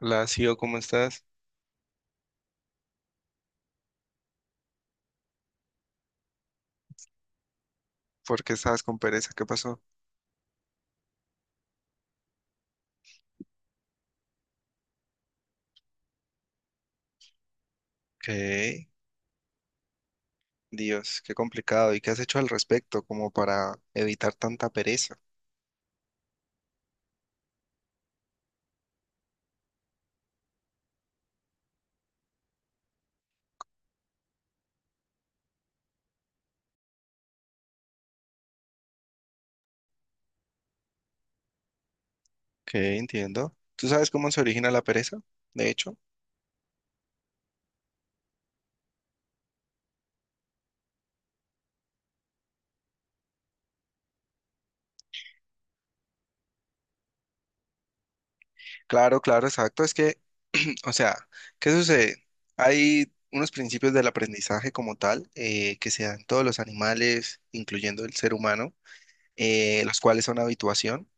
Hola, Sio, ¿cómo estás? ¿Por qué estabas con pereza? ¿Qué pasó? ¿Qué? Dios, qué complicado. ¿Y qué has hecho al respecto como para evitar tanta pereza? ¿Qué? Entiendo. ¿Tú sabes cómo se origina la pereza? De hecho. Claro, claro, exacto. Es que, o sea, ¿qué sucede? Hay unos principios del aprendizaje como tal que se dan todos los animales, incluyendo el ser humano, los cuales son habituación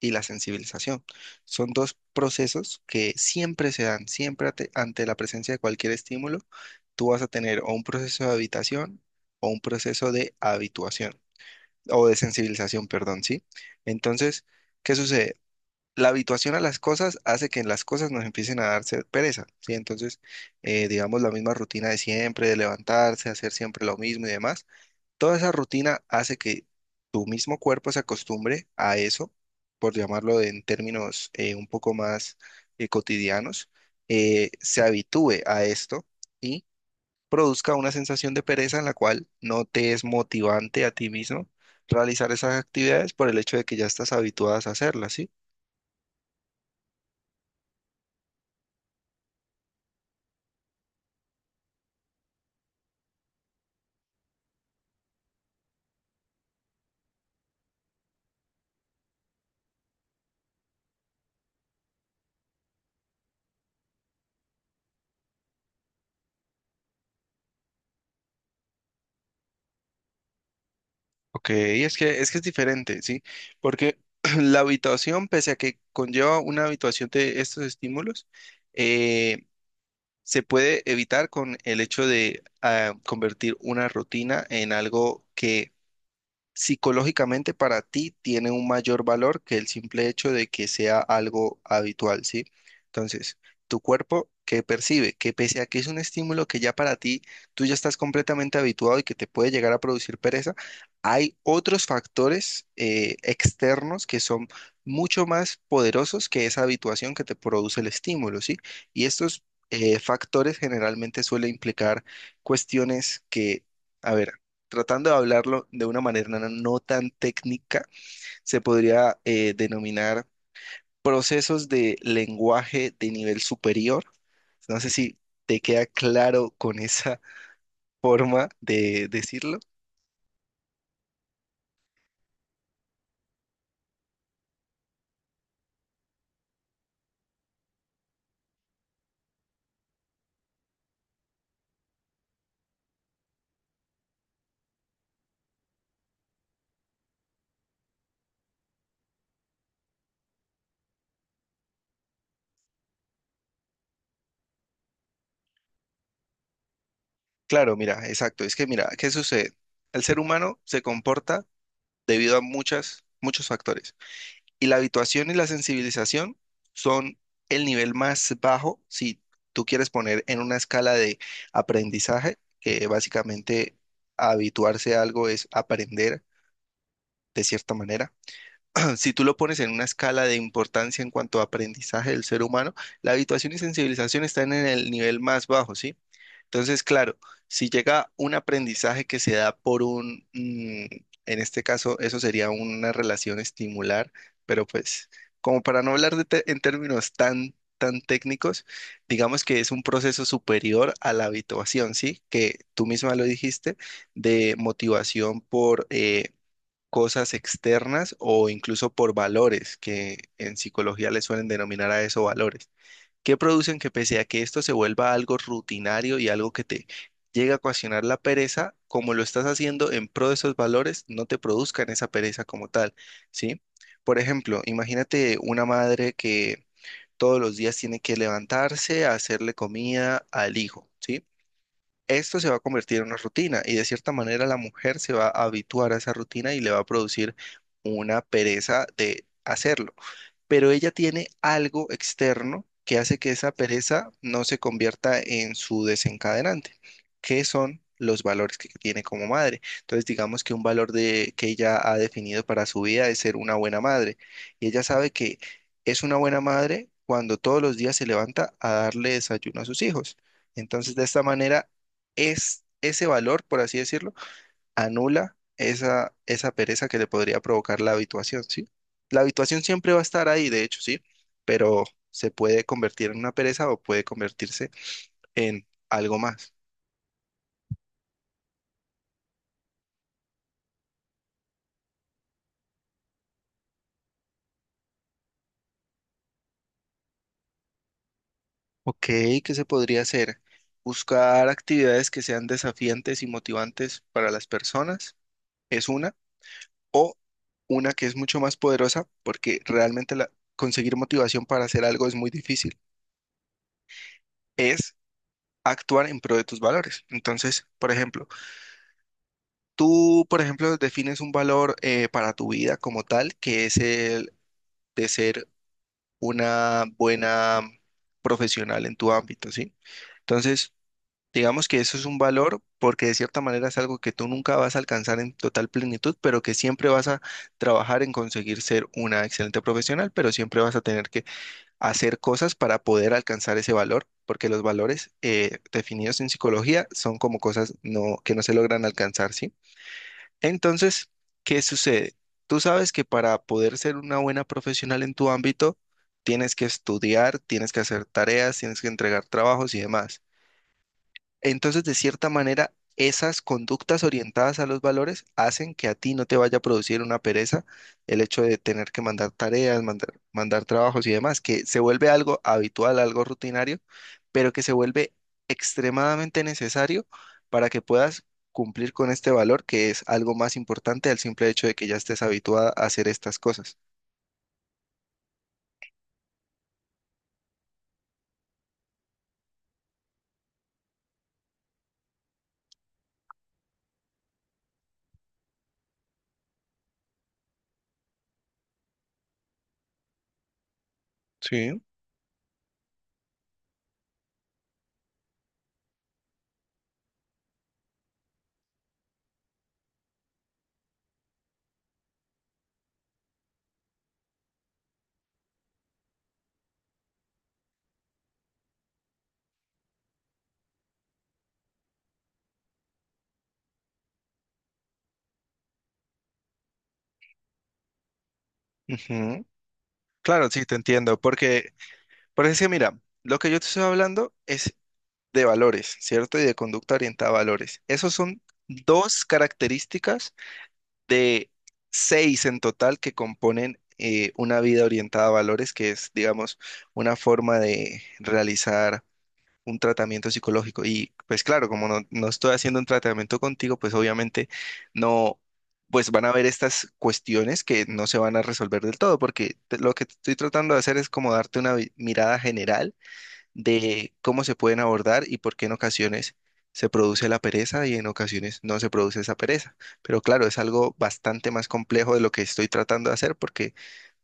y la sensibilización. Son dos procesos que siempre se dan, siempre ante la presencia de cualquier estímulo, tú vas a tener o un proceso de habitación o un proceso de habituación o de sensibilización, perdón, ¿sí? Entonces, ¿qué sucede? La habituación a las cosas hace que las cosas nos empiecen a darse pereza, ¿sí? Entonces, digamos, la misma rutina de siempre, de levantarse, hacer siempre lo mismo y demás. Toda esa rutina hace que tu mismo cuerpo se acostumbre a eso, por llamarlo en términos un poco más cotidianos, se habitúe a esto y produzca una sensación de pereza en la cual no te es motivante a ti mismo realizar esas actividades por el hecho de que ya estás habituadas a hacerlas, ¿sí? Ok, es que es diferente, ¿sí? Porque la habituación, pese a que conlleva una habituación de estos estímulos, eh, se puede evitar con el hecho de convertir una rutina en algo que psicológicamente para ti tiene un mayor valor que el simple hecho de que sea algo habitual, ¿sí? Entonces, tu cuerpo que percibe que pese a que es un estímulo que ya para ti tú ya estás completamente habituado y que te puede llegar a producir pereza, hay otros factores externos que son mucho más poderosos que esa habituación que te produce el estímulo, ¿sí? Y estos factores generalmente suelen implicar cuestiones que, a ver, tratando de hablarlo de una manera no tan técnica, se podría denominar procesos de lenguaje de nivel superior. No sé si te queda claro con esa forma de decirlo. Claro, mira, exacto. Es que mira, ¿qué sucede? El ser humano se comporta debido a muchas, muchos factores. Y la habituación y la sensibilización son el nivel más bajo si tú quieres poner en una escala de aprendizaje, que básicamente habituarse a algo es aprender de cierta manera. Si tú lo pones en una escala de importancia en cuanto a aprendizaje del ser humano, la habituación y sensibilización están en el nivel más bajo, ¿sí? Entonces, claro, si llega un aprendizaje que se da por un, en este caso, eso sería una relación estimular, pero pues, como para no hablar de en términos tan, tan técnicos, digamos que es un proceso superior a la habituación, ¿sí? Que tú misma lo dijiste, de motivación por cosas externas o incluso por valores, que en psicología le suelen denominar a eso valores que producen que pese a que esto se vuelva algo rutinario y algo que te llega a ocasionar la pereza, como lo estás haciendo en pro de esos valores, no te produzcan esa pereza como tal, ¿sí? Por ejemplo, imagínate una madre que todos los días tiene que levantarse a hacerle comida al hijo, ¿sí? Esto se va a convertir en una rutina y de cierta manera la mujer se va a habituar a esa rutina y le va a producir una pereza de hacerlo, pero ella tiene algo externo que hace que esa pereza no se convierta en su desencadenante, que son los valores que tiene como madre. Entonces, digamos que un valor de, que ella ha definido para su vida es ser una buena madre, y ella sabe que es una buena madre cuando todos los días se levanta a darle desayuno a sus hijos. Entonces, de esta manera, es ese valor, por así decirlo, anula esa pereza que le podría provocar la habituación, ¿sí? La habituación siempre va a estar ahí, de hecho, ¿sí? Pero se puede convertir en una pereza o puede convertirse en algo más. Ok, ¿qué se podría hacer? Buscar actividades que sean desafiantes y motivantes para las personas es una, o una que es mucho más poderosa, porque realmente conseguir motivación para hacer algo es muy difícil, es actuar en pro de tus valores. Entonces, por ejemplo, tú, por ejemplo, defines un valor para tu vida como tal, que es el de ser una buena profesional en tu ámbito, ¿sí? Entonces, digamos que eso es un valor porque de cierta manera es algo que tú nunca vas a alcanzar en total plenitud, pero que siempre vas a trabajar en conseguir ser una excelente profesional, pero siempre vas a tener que hacer cosas para poder alcanzar ese valor, porque los valores definidos en psicología son como cosas no, que no se logran alcanzar, ¿sí? Entonces, ¿qué sucede? Tú sabes que para poder ser una buena profesional en tu ámbito, tienes que estudiar, tienes que hacer tareas, tienes que entregar trabajos y demás. Entonces, de cierta manera, esas conductas orientadas a los valores hacen que a ti no te vaya a producir una pereza el hecho de tener que mandar tareas, mandar trabajos y demás, que se vuelve algo habitual, algo rutinario, pero que se vuelve extremadamente necesario para que puedas cumplir con este valor, que es algo más importante al simple hecho de que ya estés habituada a hacer estas cosas. Sí, ujú. Claro, sí, te entiendo, porque es que mira, lo que yo te estoy hablando es de valores, ¿cierto? Y de conducta orientada a valores. Esos son dos características de seis en total que componen una vida orientada a valores, que es, digamos, una forma de realizar un tratamiento psicológico. Y pues claro, como no estoy haciendo un tratamiento contigo, pues obviamente no. Pues van a haber estas cuestiones que no se van a resolver del todo, porque lo que estoy tratando de hacer es como darte una mirada general de cómo se pueden abordar y por qué en ocasiones se produce la pereza y en ocasiones no se produce esa pereza. Pero claro, es algo bastante más complejo de lo que estoy tratando de hacer porque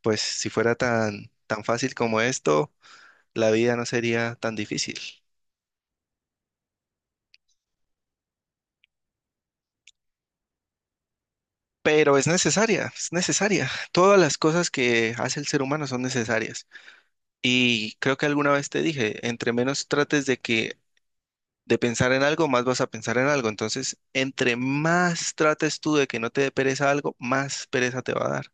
pues si fuera tan, tan fácil como esto, la vida no sería tan difícil. Pero es necesaria, es necesaria. Todas las cosas que hace el ser humano son necesarias. Y creo que alguna vez te dije, entre menos trates de pensar en algo, más vas a pensar en algo. Entonces, entre más trates tú de que no te dé pereza algo, más pereza te va a dar.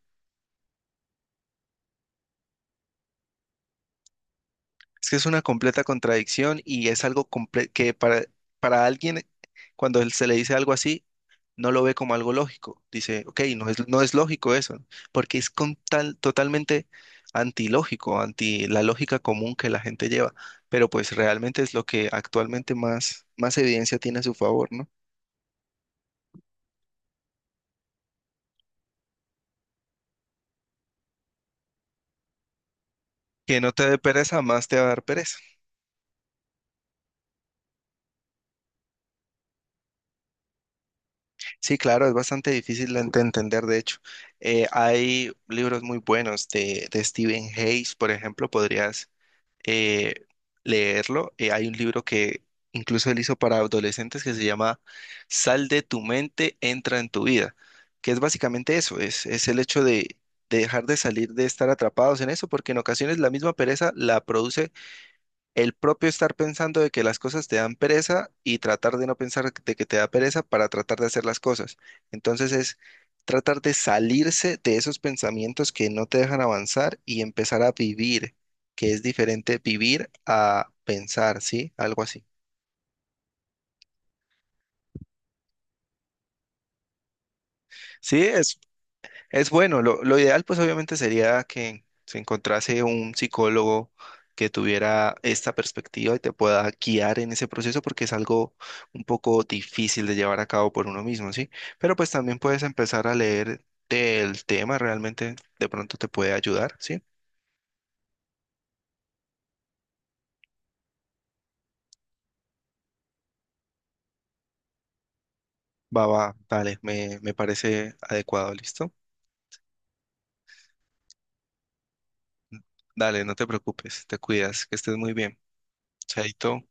Es que es una completa contradicción y es algo que para alguien, cuando él se le dice algo así, no lo ve como algo lógico. Dice, ok, no es lógico eso, porque es con tal, totalmente antilógico, anti la lógica común que la gente lleva. Pero pues realmente es lo que actualmente más evidencia tiene a su favor, ¿no? Que no te dé pereza, más te va a dar pereza. Sí, claro, es bastante difícil de entender, de hecho. Hay libros muy buenos de Stephen Hayes, por ejemplo, podrías eh, leerlo. Hay un libro que incluso él hizo para adolescentes que se llama Sal de tu mente, entra en tu vida, que es básicamente eso, es el hecho de dejar de salir, de estar atrapados en eso, porque en ocasiones la misma pereza la produce el propio estar pensando de que las cosas te dan pereza y tratar de no pensar de que te da pereza para tratar de hacer las cosas. Entonces es tratar de salirse de esos pensamientos que no te dejan avanzar y empezar a vivir, que es diferente vivir a pensar, ¿sí? Algo así. Sí, es bueno, lo ideal pues obviamente sería que se encontrase un psicólogo que tuviera esta perspectiva y te pueda guiar en ese proceso porque es algo un poco difícil de llevar a cabo por uno mismo, ¿sí? Pero pues también puedes empezar a leer del tema, realmente de pronto te puede ayudar, ¿sí? Va, va, dale, me parece adecuado, ¿listo? Dale, no te preocupes, te cuidas, que estés muy bien. Chaito.